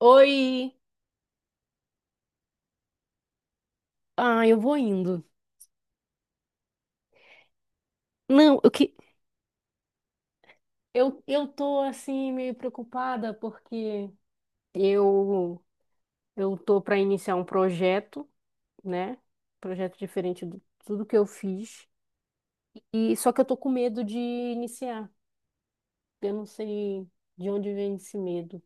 Oi! Ah, eu vou indo. Não, eu que Eu tô assim meio preocupada porque eu eu tô para iniciar um projeto, né? Projeto diferente de tudo que eu fiz. E só que eu tô com medo de iniciar. Eu não sei de onde vem esse medo.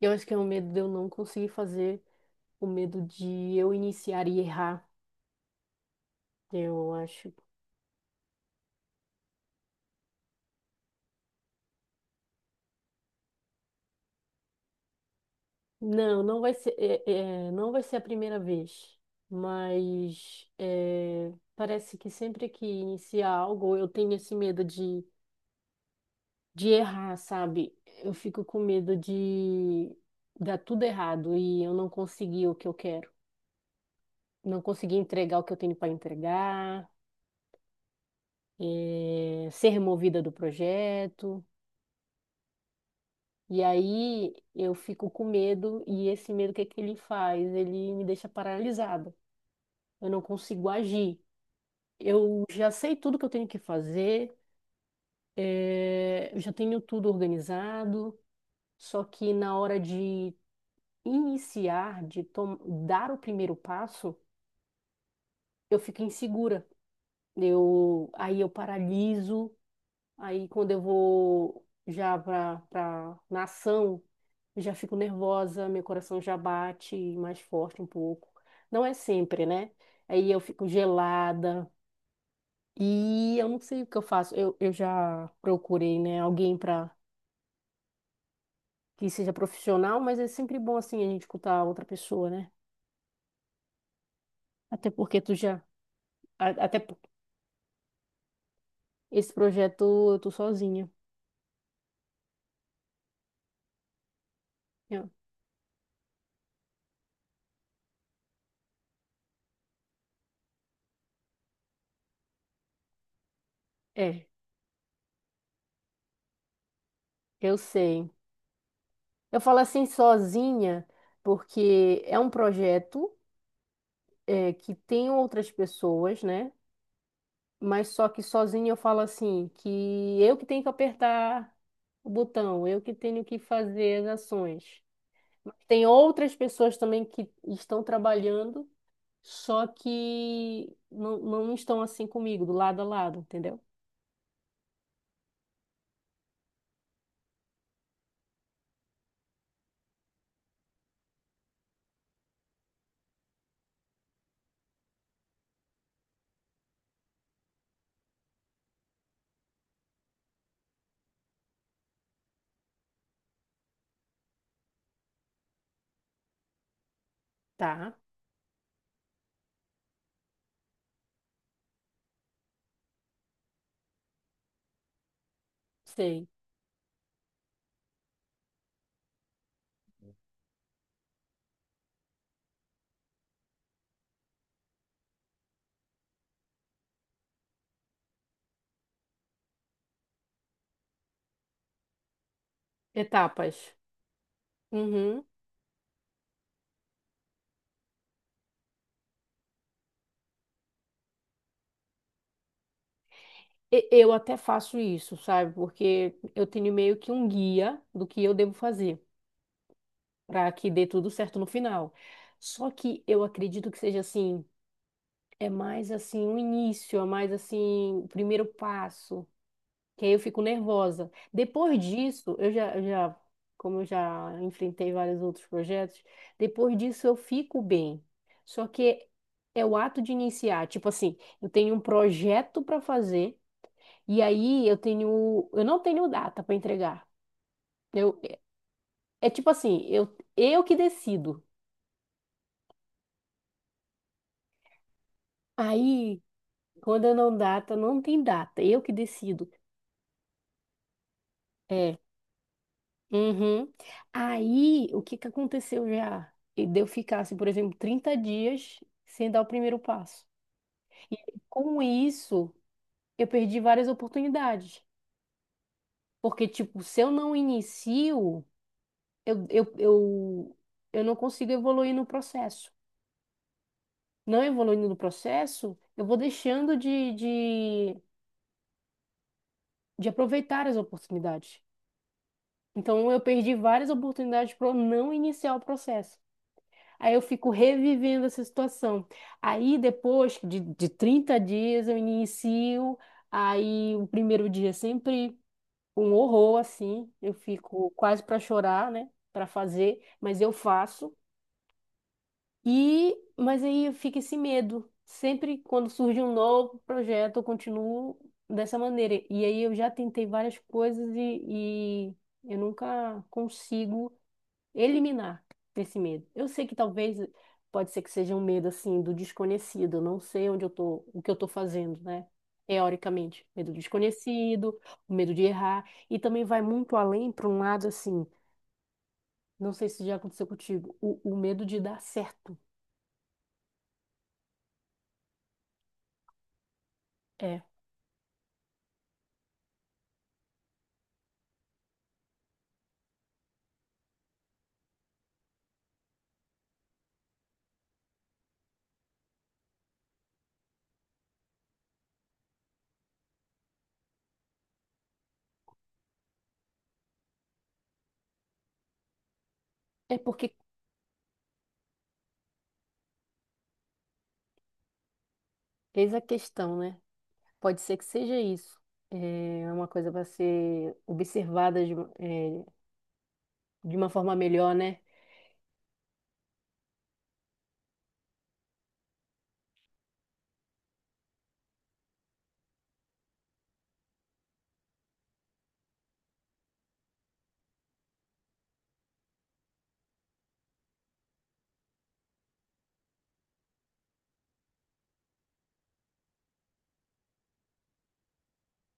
Eu acho que é o medo de eu não conseguir fazer, o medo de eu iniciar e errar. Eu acho. Não, não vai ser, é, não vai ser a primeira vez, mas é, parece que sempre que inicia algo eu tenho esse medo de errar, sabe? Eu fico com medo de dar tudo errado e eu não conseguir o que eu quero, não conseguir entregar o que eu tenho para entregar, é, ser removida do projeto. E aí eu fico com medo e esse medo, o que é que ele faz? Ele me deixa paralisada. Eu não consigo agir. Eu já sei tudo que eu tenho que fazer, eu já tenho tudo organizado, só que na hora de iniciar, dar o primeiro passo, eu fico insegura. Aí eu paraliso, aí quando eu vou já para na ação, eu já fico nervosa, meu coração já bate mais forte um pouco. Não é sempre, né? Aí eu fico gelada. E eu não sei o que eu faço. Eu já procurei, né, alguém para que seja profissional, mas é sempre bom assim a gente escutar outra pessoa, né? Até porque tu já, a- até por- esse projeto eu tô sozinha. Eu- É, eu sei. Eu falo assim sozinha porque é um projeto é, que tem outras pessoas, né? Mas só que sozinha eu falo assim que eu que tenho que apertar o botão, eu que tenho que fazer as ações. Tem outras pessoas também que estão trabalhando, só que não estão assim comigo, do lado a lado, entendeu? Tá. Sei. Etapas. Uhum. Eu até faço isso, sabe? Porque eu tenho meio que um guia do que eu devo fazer para que dê tudo certo no final. Só que eu acredito que seja assim, é mais assim o início, é mais assim o primeiro passo. Que aí eu fico nervosa. Depois disso, como eu já enfrentei vários outros projetos, depois disso eu fico bem. Só que é o ato de iniciar, tipo assim, eu tenho um projeto para fazer e aí eu não tenho data para entregar. Eu, é tipo assim, eu que decido. Aí, quando eu não data, não tem data, eu que decido. É, uhum. Aí, o que que aconteceu já? E de eu ficasse, por exemplo, 30 dias sem dar o primeiro passo. E com isso, eu perdi várias oportunidades. Porque, tipo, se eu não inicio, eu, eu, eu, eu não consigo evoluir no processo. Não evoluindo no processo, eu vou deixando de aproveitar as oportunidades. Então, eu perdi várias oportunidades para não iniciar o processo. Aí eu fico revivendo essa situação. Aí depois de 30 dias eu inicio, aí o primeiro dia é sempre um horror, assim, eu fico quase para chorar, né, para fazer, mas eu faço. E mas aí fica esse medo. Sempre quando surge um novo projeto, eu continuo dessa maneira. E aí eu já tentei várias coisas e eu nunca consigo eliminar esse medo. Eu sei que talvez pode ser que seja um medo assim do desconhecido, eu não sei onde eu tô, o que eu tô fazendo, né? Teoricamente, medo do desconhecido, o medo de errar, e também vai muito além para um lado assim, não sei se já aconteceu contigo, o medo de dar certo. É. É porque eis a questão, né? Pode ser que seja isso. É uma coisa para ser observada é, de uma forma melhor, né?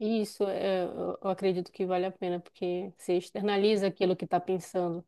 Isso, é, eu acredito que vale a pena, porque você externaliza aquilo que está pensando.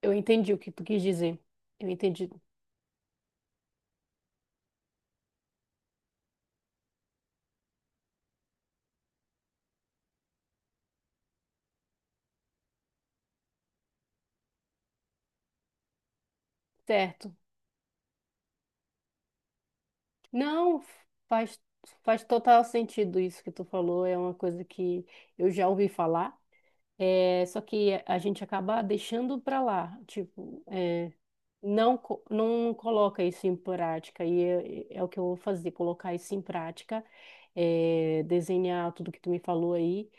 Eu entendi o que tu quis dizer. Eu entendi. Certo. Não, faz, faz total sentido isso que tu falou. É uma coisa que eu já ouvi falar. É, só que a gente acaba deixando para lá. Tipo, é, não, não coloca isso em prática, e é, é o que eu vou fazer, colocar isso em prática, é, desenhar tudo que tu me falou aí,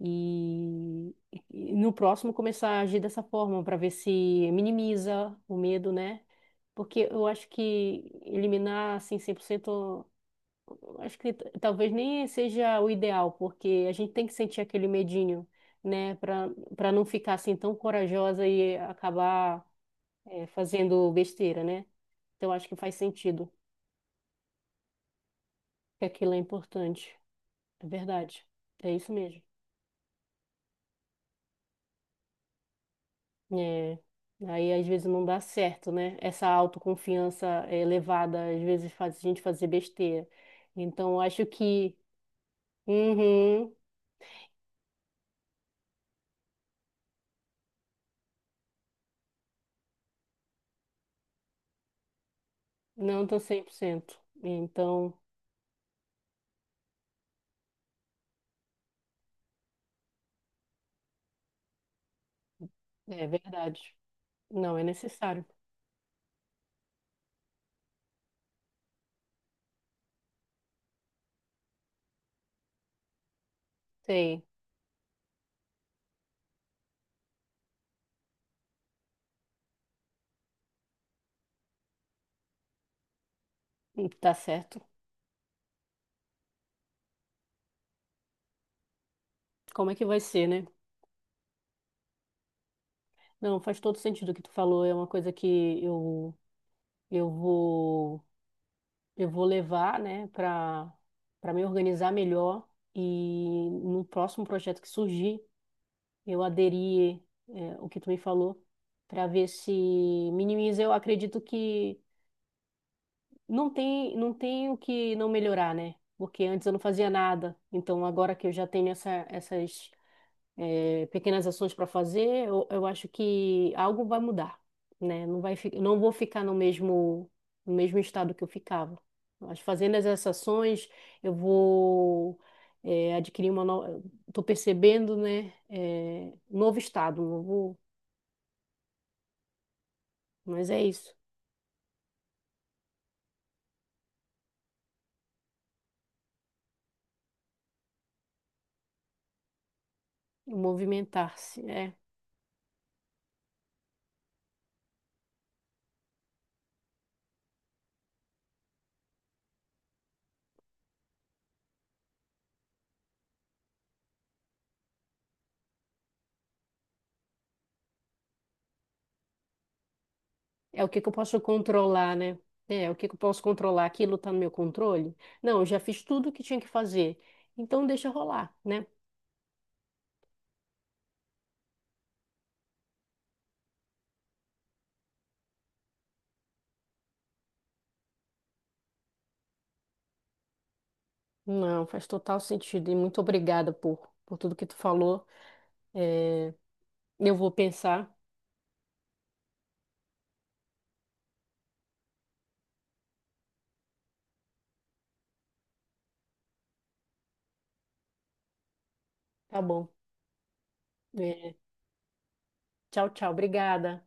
e, e no próximo começar a agir dessa forma, para ver se minimiza o medo, né? Porque eu acho que eliminar, assim, 100%, eu acho que talvez nem seja o ideal, porque a gente tem que sentir aquele medinho, né? Para não ficar, assim, tão corajosa e acabar é, fazendo besteira, né? Então acho que faz sentido que aquilo é importante. É verdade. É isso mesmo. É, aí às vezes não dá certo, né? Essa autoconfiança é, elevada às vezes faz a gente fazer besteira. Então eu acho que uhum, não tô 100%. Então é verdade. Não é necessário. Sei. Tá certo. Como é que vai ser, né? Não, faz todo sentido o que tu falou. É uma coisa que eu vou. Eu vou levar, né, para me organizar melhor e no próximo projeto que surgir, eu aderir é, o que tu me falou para ver se minimiza. Eu acredito que não tem o que não melhorar, né? Porque antes eu não fazia nada. Então agora que eu já tenho essas é, pequenas ações para fazer, eu acho que algo vai mudar, né? Não vai, não vou ficar no mesmo, no mesmo estado que eu ficava. Mas fazendo essas ações, eu vou é, adquirir uma nova. Estou percebendo, né? É, um novo estado, um novo... mas é isso. Movimentar-se, né? É o que que eu posso controlar, né? É, o que que eu posso controlar? Aquilo está no meu controle? Não, eu já fiz tudo o que tinha que fazer. Então deixa rolar, né? Não, faz total sentido. E muito obrigada por tudo que tu falou. É, eu vou pensar. Tá bom. É, tchau, tchau. Obrigada.